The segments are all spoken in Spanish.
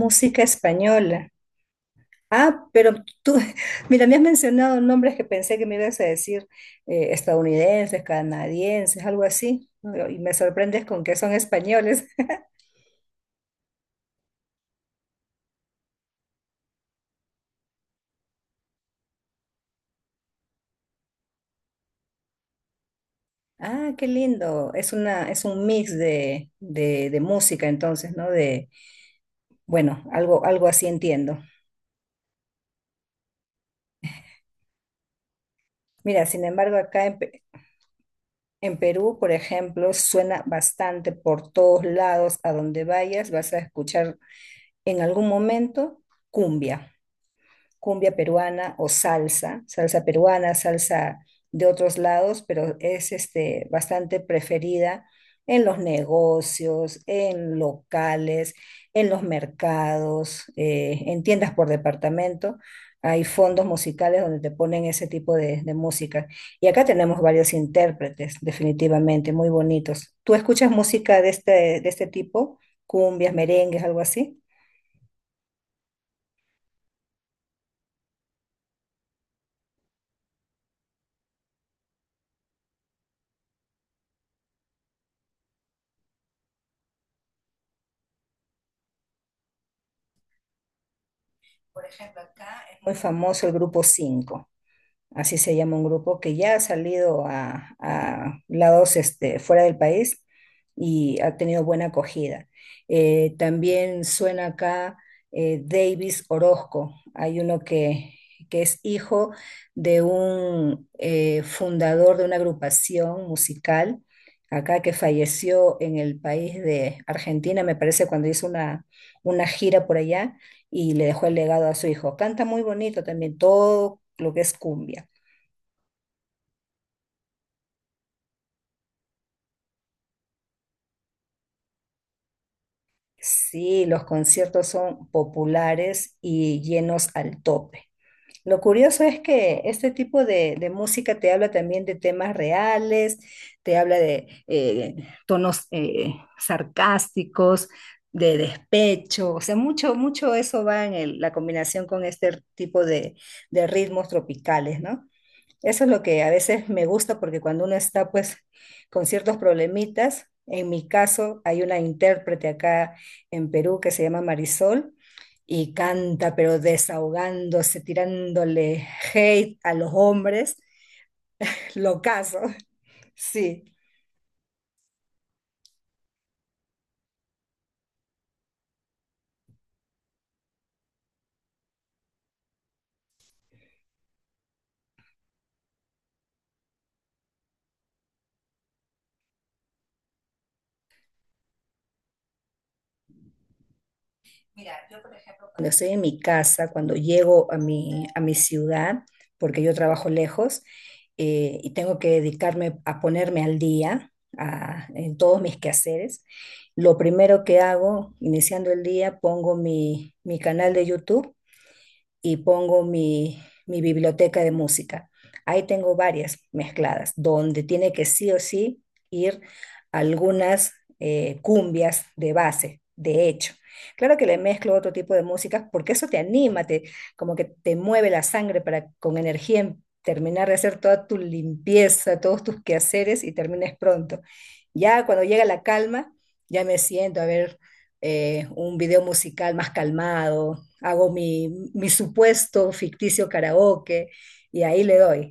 Música española. Ah, pero tú, mira, me has mencionado nombres que pensé que me ibas a decir estadounidenses, canadienses, algo así, y me sorprendes con que son españoles. Ah, qué lindo. Es es un mix de música, entonces, ¿no? De, bueno, algo así entiendo. Mira, sin embargo, en Perú, por ejemplo, suena bastante por todos lados, a donde vayas, vas a escuchar en algún momento cumbia. cumbia peruana o salsa peruana, salsa de otros lados, pero es este, bastante preferida en los negocios, en locales, en los mercados, en tiendas por departamento. Hay fondos musicales donde te ponen ese tipo de música. Y acá tenemos varios intérpretes, definitivamente, muy bonitos. ¿Tú escuchas música de este tipo? Cumbias, merengues, algo así. Por ejemplo, acá es muy famoso el grupo 5, así se llama un grupo que ya ha salido a lados este, fuera del país y ha tenido buena acogida. También suena acá Davis Orozco, hay uno que es hijo de un fundador de una agrupación musical acá que falleció en el país de Argentina, me parece, cuando hizo una gira por allá y le dejó el legado a su hijo. Canta muy bonito también, todo lo que es cumbia. Sí, los conciertos son populares y llenos al tope. Lo curioso es que este tipo de música te habla también de temas reales, te habla de tonos sarcásticos, de despecho, o sea, mucho, mucho eso va en la combinación con este tipo de ritmos tropicales, ¿no? Eso es lo que a veces me gusta porque cuando uno está pues con ciertos problemitas. En mi caso hay una intérprete acá en Perú que se llama Marisol y canta pero desahogándose, tirándole hate a los hombres, lo caso, sí. Mira, yo por ejemplo, cuando estoy en mi casa, cuando llego a mi ciudad, porque yo trabajo lejos, y tengo que dedicarme a ponerme al día en todos mis quehaceres, lo primero que hago, iniciando el día, pongo mi canal de YouTube y pongo mi biblioteca de música. Ahí tengo varias mezcladas, donde tiene que sí o sí ir algunas cumbias de base, de hecho. Claro que le mezclo otro tipo de músicas porque eso te anima, te, como que te mueve la sangre para con energía terminar de hacer toda tu limpieza, todos tus quehaceres y termines pronto. Ya cuando llega la calma, ya me siento a ver un video musical más calmado, hago mi supuesto ficticio karaoke y ahí le doy.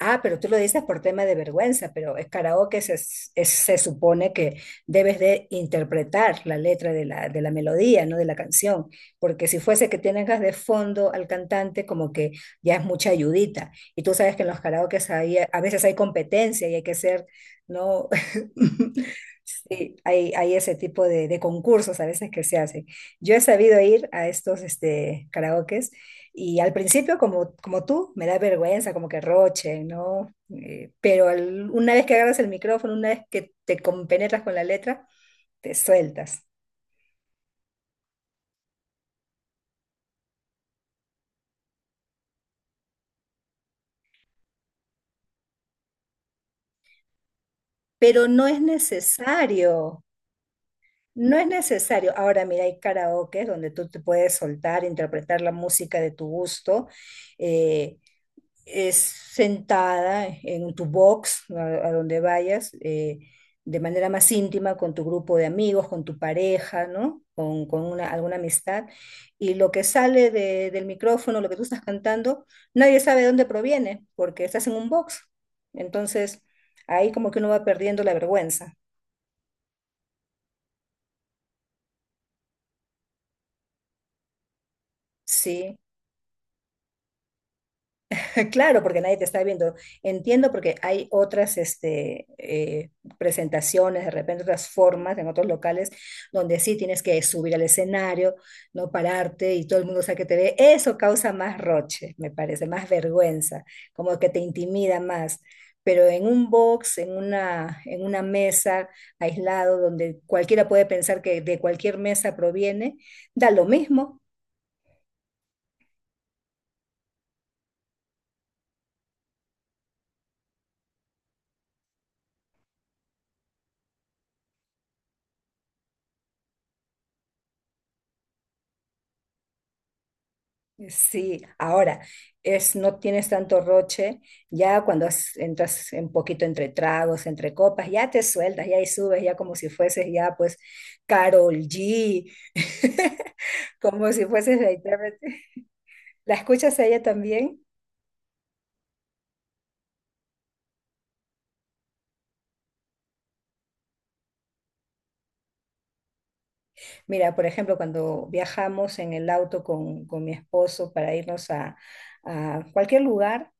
Ah, pero tú lo dices por tema de vergüenza, pero es se supone que debes de interpretar la letra de de la melodía, no de la canción, porque si fuese que tengas de fondo al cantante, como que ya es mucha ayudita. Y tú sabes que en los karaokes a veces hay competencia y hay que ser, ¿no? Sí, hay ese tipo de concursos a veces que se hacen. Yo he sabido ir a estos este, karaokes y al principio, como tú, me da vergüenza, como que roche, ¿no? Una vez que agarras el micrófono, una vez que te compenetras con la letra, te sueltas. Pero no es necesario, no es necesario. Ahora, mira, hay karaoke donde tú te puedes soltar, interpretar la música de tu gusto. eh, es sentada en tu box, a donde vayas, de manera más íntima con tu grupo de amigos, con tu pareja, ¿no? Con una, alguna amistad. Y lo que sale del micrófono, lo que tú estás cantando, nadie sabe de dónde proviene, porque estás en un box. Entonces, ahí como que uno va perdiendo la vergüenza, ¿sí? Claro, porque nadie te está viendo. Entiendo porque hay otras este, presentaciones, de repente otras formas en otros locales donde sí tienes que subir al escenario, no pararte y todo el mundo sabe que te ve. Eso causa más roche, me parece, más vergüenza, como que te intimida más. Pero en un box, en una mesa aislado donde cualquiera puede pensar que de cualquier mesa proviene, da lo mismo. Sí, ahora es no tienes tanto roche, ya cuando entras un poquito entre tragos, entre copas, ya te sueltas, ya ahí subes, ya como si fueses ya pues Carol G, como si fueses la intérprete. ¿La escuchas a ella también? Mira, por ejemplo, cuando viajamos en el auto con mi esposo para irnos a cualquier lugar,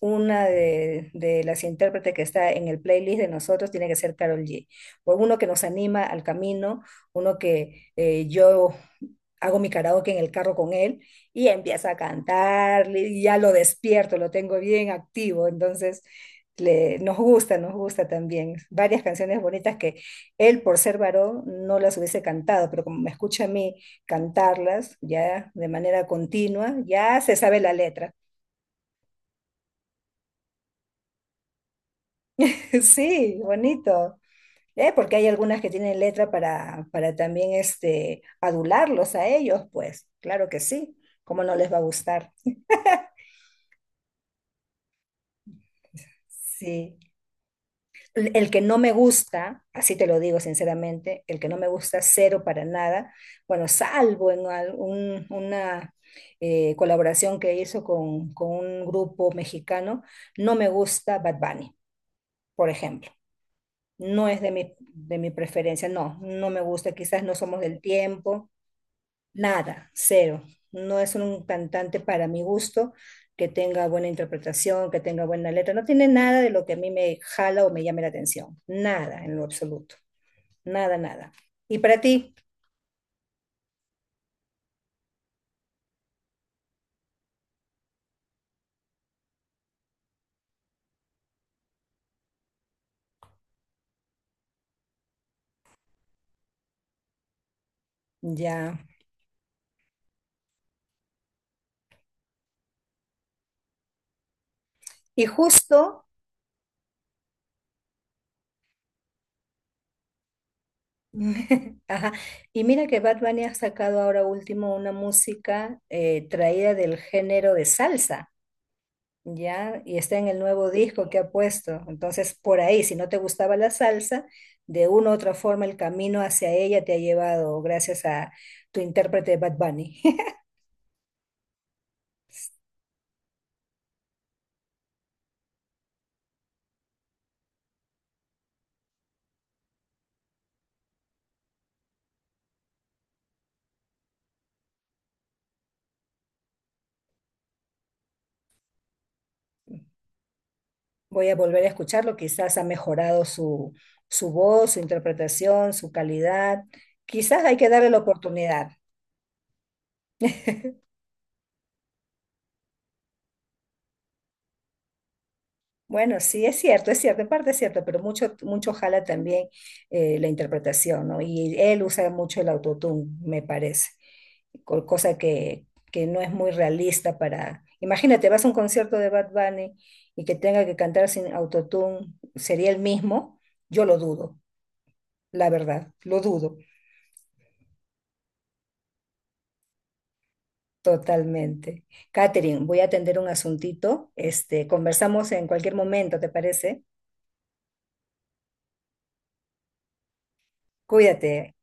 una de las intérpretes que está en el playlist de nosotros tiene que ser Carol G. O uno que nos anima al camino, uno que yo hago mi karaoke en el carro con él y empieza a cantar, y ya lo despierto, lo tengo bien activo, entonces le, nos gusta también. Varias canciones bonitas que él, por ser varón, no las hubiese cantado, pero como me escucha a mí cantarlas ya de manera continua, ya se sabe la letra. Sí, bonito. Porque hay algunas que tienen letra para también este, adularlos a ellos, pues claro que sí, cómo no les va a gustar. Sí. El que no me gusta, así te lo digo sinceramente, el que no me gusta cero para nada, bueno, salvo en una colaboración que hizo con un grupo mexicano, no me gusta Bad Bunny, por ejemplo. No es de de mi preferencia, no, no me gusta, quizás no somos del tiempo. Nada, cero. No es un cantante para mi gusto que tenga buena interpretación, que tenga buena letra. No tiene nada de lo que a mí me jala o me llame la atención. Nada en lo absoluto. Nada, nada. ¿Y para ti? Ya. Y justo, ajá. Y mira que Bad Bunny ha sacado ahora último una música traída del género de salsa. Ya, y está en el nuevo disco que ha puesto. Entonces, por ahí, si no te gustaba la salsa, de una u otra forma el camino hacia ella te ha llevado gracias a tu intérprete Bad Bunny. Voy a volver a escucharlo, quizás ha mejorado su, su voz, su interpretación, su calidad. Quizás hay que darle la oportunidad. Bueno, sí, es cierto, en parte es cierto, pero mucho, mucho jala también la interpretación, ¿no? Y él usa mucho el autotune, me parece, cosa que no es muy realista para... Imagínate, vas a un concierto de Bad Bunny y que tenga que cantar sin autotune, ¿sería el mismo? Yo lo dudo, la verdad, lo dudo totalmente. Catherine, voy a atender un asuntito, este, conversamos en cualquier momento, ¿te parece? Cuídate.